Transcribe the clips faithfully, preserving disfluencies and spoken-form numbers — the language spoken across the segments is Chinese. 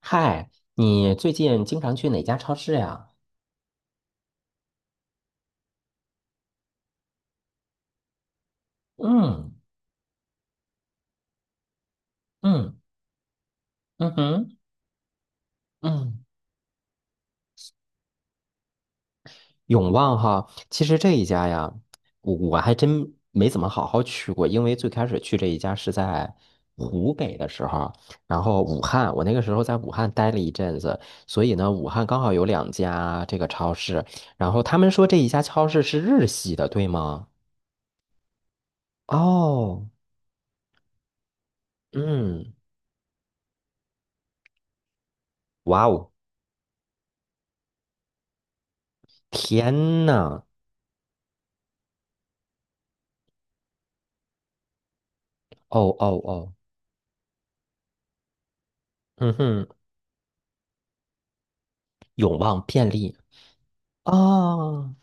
嗨，你最近经常去哪家超市呀？嗯。嗯。嗯哼。嗯，永旺哈，其实这一家呀，我我还真没怎么好好去过。因为最开始去这一家是在湖北的时候，然后武汉，我那个时候在武汉待了一阵子。所以呢，武汉刚好有两家这个超市，然后他们说这一家超市是日系的，对吗？哦。嗯。哇哦。天呐。哦哦哦。嗯哼。永旺便利。哦。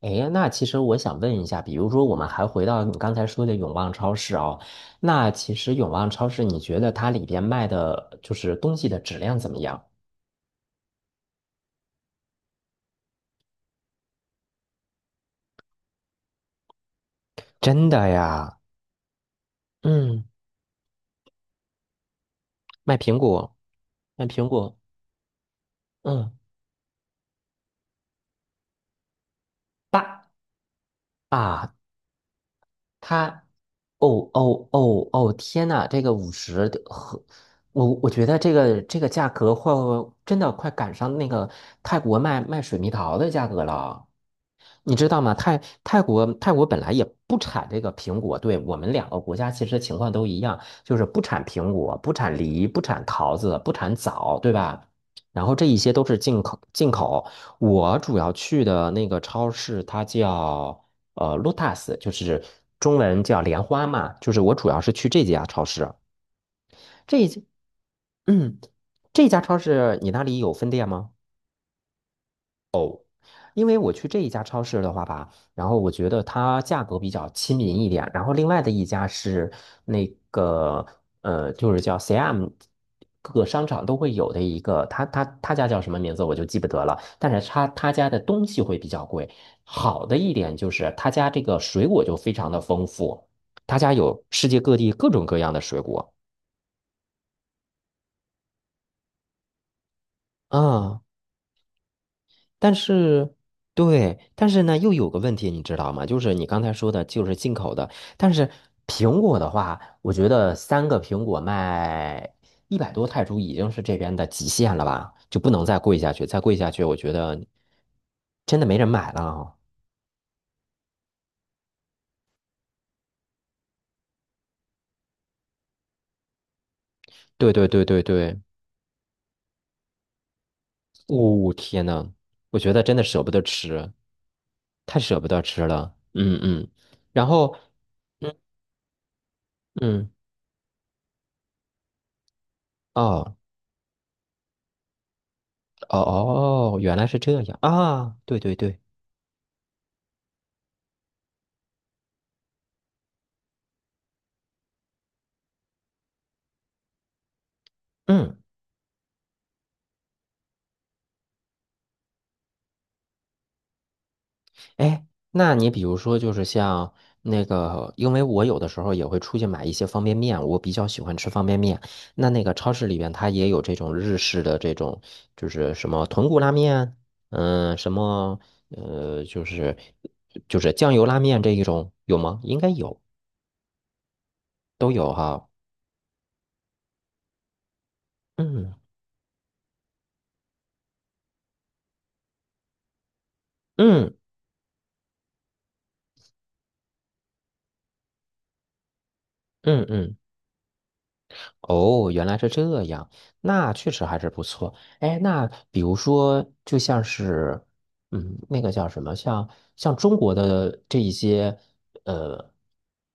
哎，那其实我想问一下，比如说我们还回到你刚才说的永旺超市哦。那其实永旺超市，你觉得它里边卖的就是东西的质量怎么样？真的呀。嗯。卖苹果。卖苹果。嗯。八啊。它哦哦哦哦！天呐，这个五十和我我觉得这个这个价格会真的快赶上那个泰国卖卖水蜜桃的价格了，你知道吗？泰泰国泰国本来也不产这个苹果。对，我们两个国家其实情况都一样，就是不产苹果、不产梨、不产桃子、不产枣，对吧？然后这一些都是进口进口。我主要去的那个超市，它叫呃 Lotus，就是中文叫莲花嘛，就是我主要是去这家超市。这一家。嗯。这家超市你那里有分店吗？因为我去这一家超市的话吧，然后我觉得它价格比较亲民一点，然后另外的一家是那个呃，就是叫 C M，各个商场都会有的一个，他他他家叫什么名字我就记不得了，但是他他家的东西会比较贵。好的一点就是他家这个水果就非常的丰富，他家有世界各地各种各样的水果啊。但是，对，但是呢，又有个问题，你知道吗？就是你刚才说的，就是进口的。但是苹果的话，我觉得三个苹果卖一百多泰铢已经是这边的极限了吧，就不能再贵下去，再贵下去，我觉得真的没人买了啊。对对对对对。哦天呐，我觉得真的舍不得吃，太舍不得吃了。嗯嗯。然后。嗯嗯。哦哦哦，原来是这样啊。对对对。嗯。哎，那你比如说，就是像那个，因为我有的时候也会出去买一些方便面，我比较喜欢吃方便面。那那个超市里边，它也有这种日式的这种，就是什么豚骨拉面，嗯、什么呃，就是就是酱油拉面这一种有吗？应该有，都有哈。嗯。嗯。嗯。嗯。哦，原来是这样，那确实还是不错。哎，那比如说，就像是，嗯，那个叫什么，像像中国的这一些呃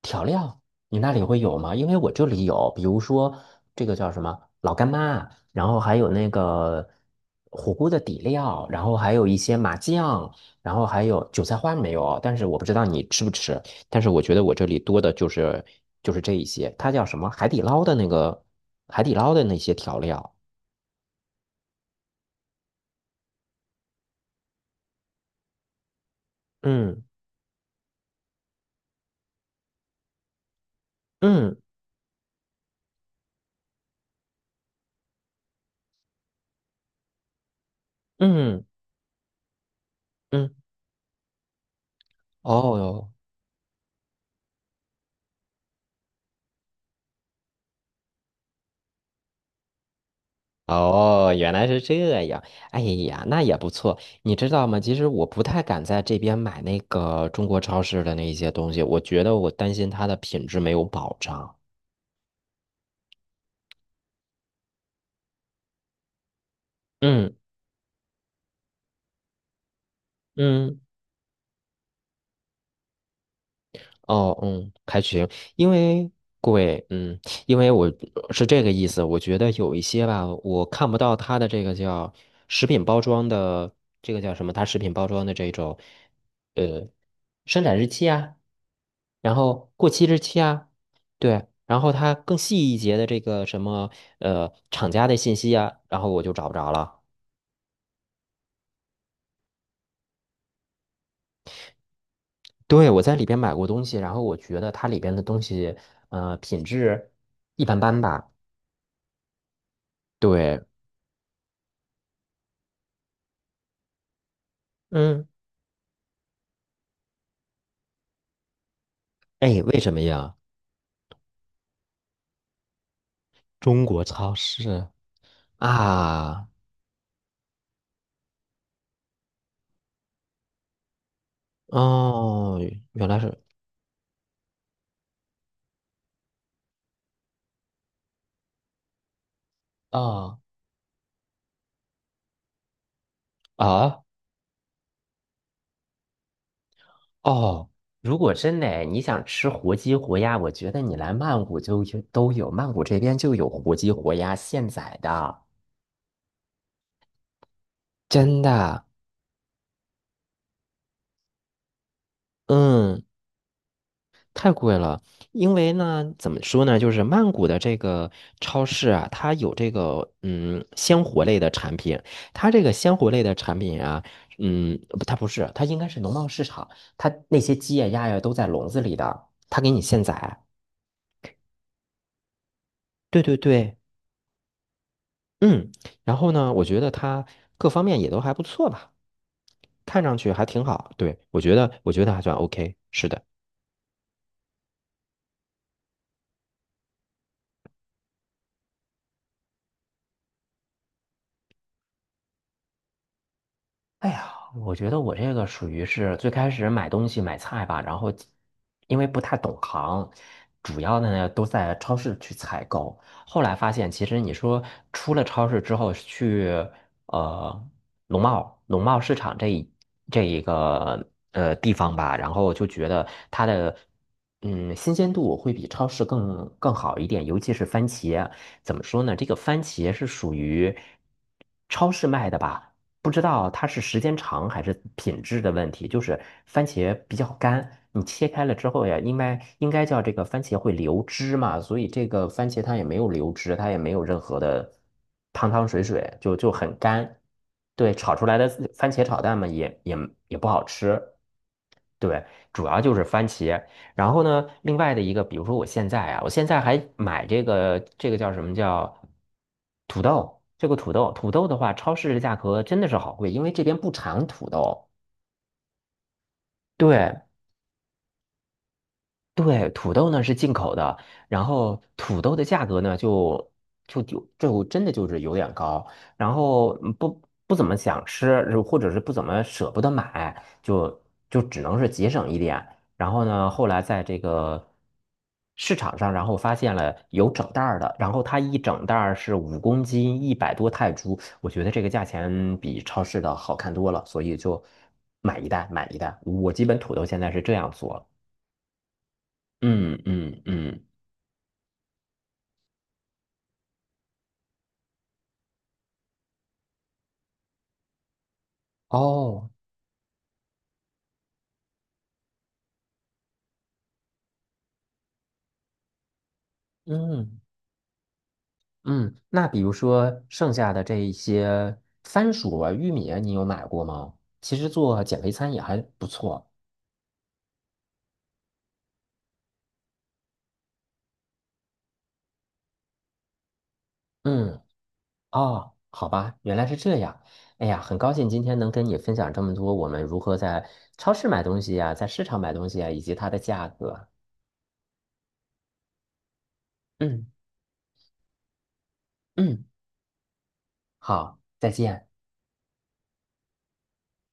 调料，你那里会有吗？因为我这里有，比如说这个叫什么老干妈，然后还有那个火锅的底料，然后还有一些麻酱，然后还有韭菜花没有，但是我不知道你吃不吃。但是我觉得我这里多的就是就是这一些。它叫什么？海底捞的那个海底捞的那些调料。嗯。嗯。嗯。嗯。哦哟。哦，原来是这样。哎呀，那也不错。你知道吗？其实我不太敢在这边买那个中国超市的那一些东西，我觉得我担心它的品质没有保障。嗯嗯。哦。嗯。还行。因为贵。嗯。因为我是这个意思，我觉得有一些吧，我看不到它的这个叫食品包装的。这个叫什么？它食品包装的这种，呃，生产日期啊，然后过期日期啊。对，然后它更细一节的这个什么，呃，厂家的信息啊，然后我就找不着了。对，我在里边买过东西，然后我觉得它里边的东西，呃，品质一般般吧。对。嗯。哎，为什么呀？中国超市啊。哦，原来是。哦。啊。哦。如果真的你想吃活鸡活鸭，我觉得你来曼谷就有都有，曼谷这边就有活鸡活鸭现宰的，真的。嗯。太贵了，因为呢，怎么说呢，就是曼谷的这个超市啊，它有这个嗯鲜活类的产品，它这个鲜活类的产品啊，嗯，不，它不是，它应该是农贸市场，它那些鸡呀、鸭呀都在笼子里的，它给你现宰。对对对。嗯，然后呢，我觉得它各方面也都还不错吧，看上去还挺好。对，我觉得，我觉得还算 OK，是的。哎呀，我觉得我这个属于是最开始买东西买菜吧，然后因为不太懂行，主要的呢都在超市去采购。后来发现，其实你说出了超市之后去呃农贸农贸市场这一这一个呃地方吧，然后就觉得它的嗯新鲜度会比超市更更好一点，尤其是番茄。怎么说呢？这个番茄是属于超市卖的吧？不知道它是时间长还是品质的问题，就是番茄比较干，你切开了之后呀，应该应该叫这个番茄会流汁嘛，所以这个番茄它也没有流汁，它也没有任何的汤汤水水，就就很干。对，炒出来的番茄炒蛋嘛，也也也不好吃。对，主要就是番茄。然后呢，另外的一个，比如说我现在啊，我现在还买这个这个叫什么叫土豆，这个土豆，土豆的话，超市的价格真的是好贵，因为这边不产土豆。对，对，土豆呢是进口的，然后土豆的价格呢就就就就真的就是有点高，然后嗯不不怎么想吃，或者是不怎么舍不得买，就就只能是节省一点。然后呢，后来在这个市场上，然后发现了有整袋儿的，然后它一整袋儿是五公斤，一百多泰铢，我觉得这个价钱比超市的好看多了，所以就买一袋买一袋。我基本土豆现在是这样做。嗯。嗯。嗯。哦。嗯嗯。那比如说剩下的这一些番薯啊、玉米啊，你有买过吗？其实做减肥餐也还不错。嗯。哦，好吧，原来是这样。哎呀，很高兴今天能跟你分享这么多，我们如何在超市买东西呀、在市场买东西啊，以及它的价格。嗯嗯。好，再见。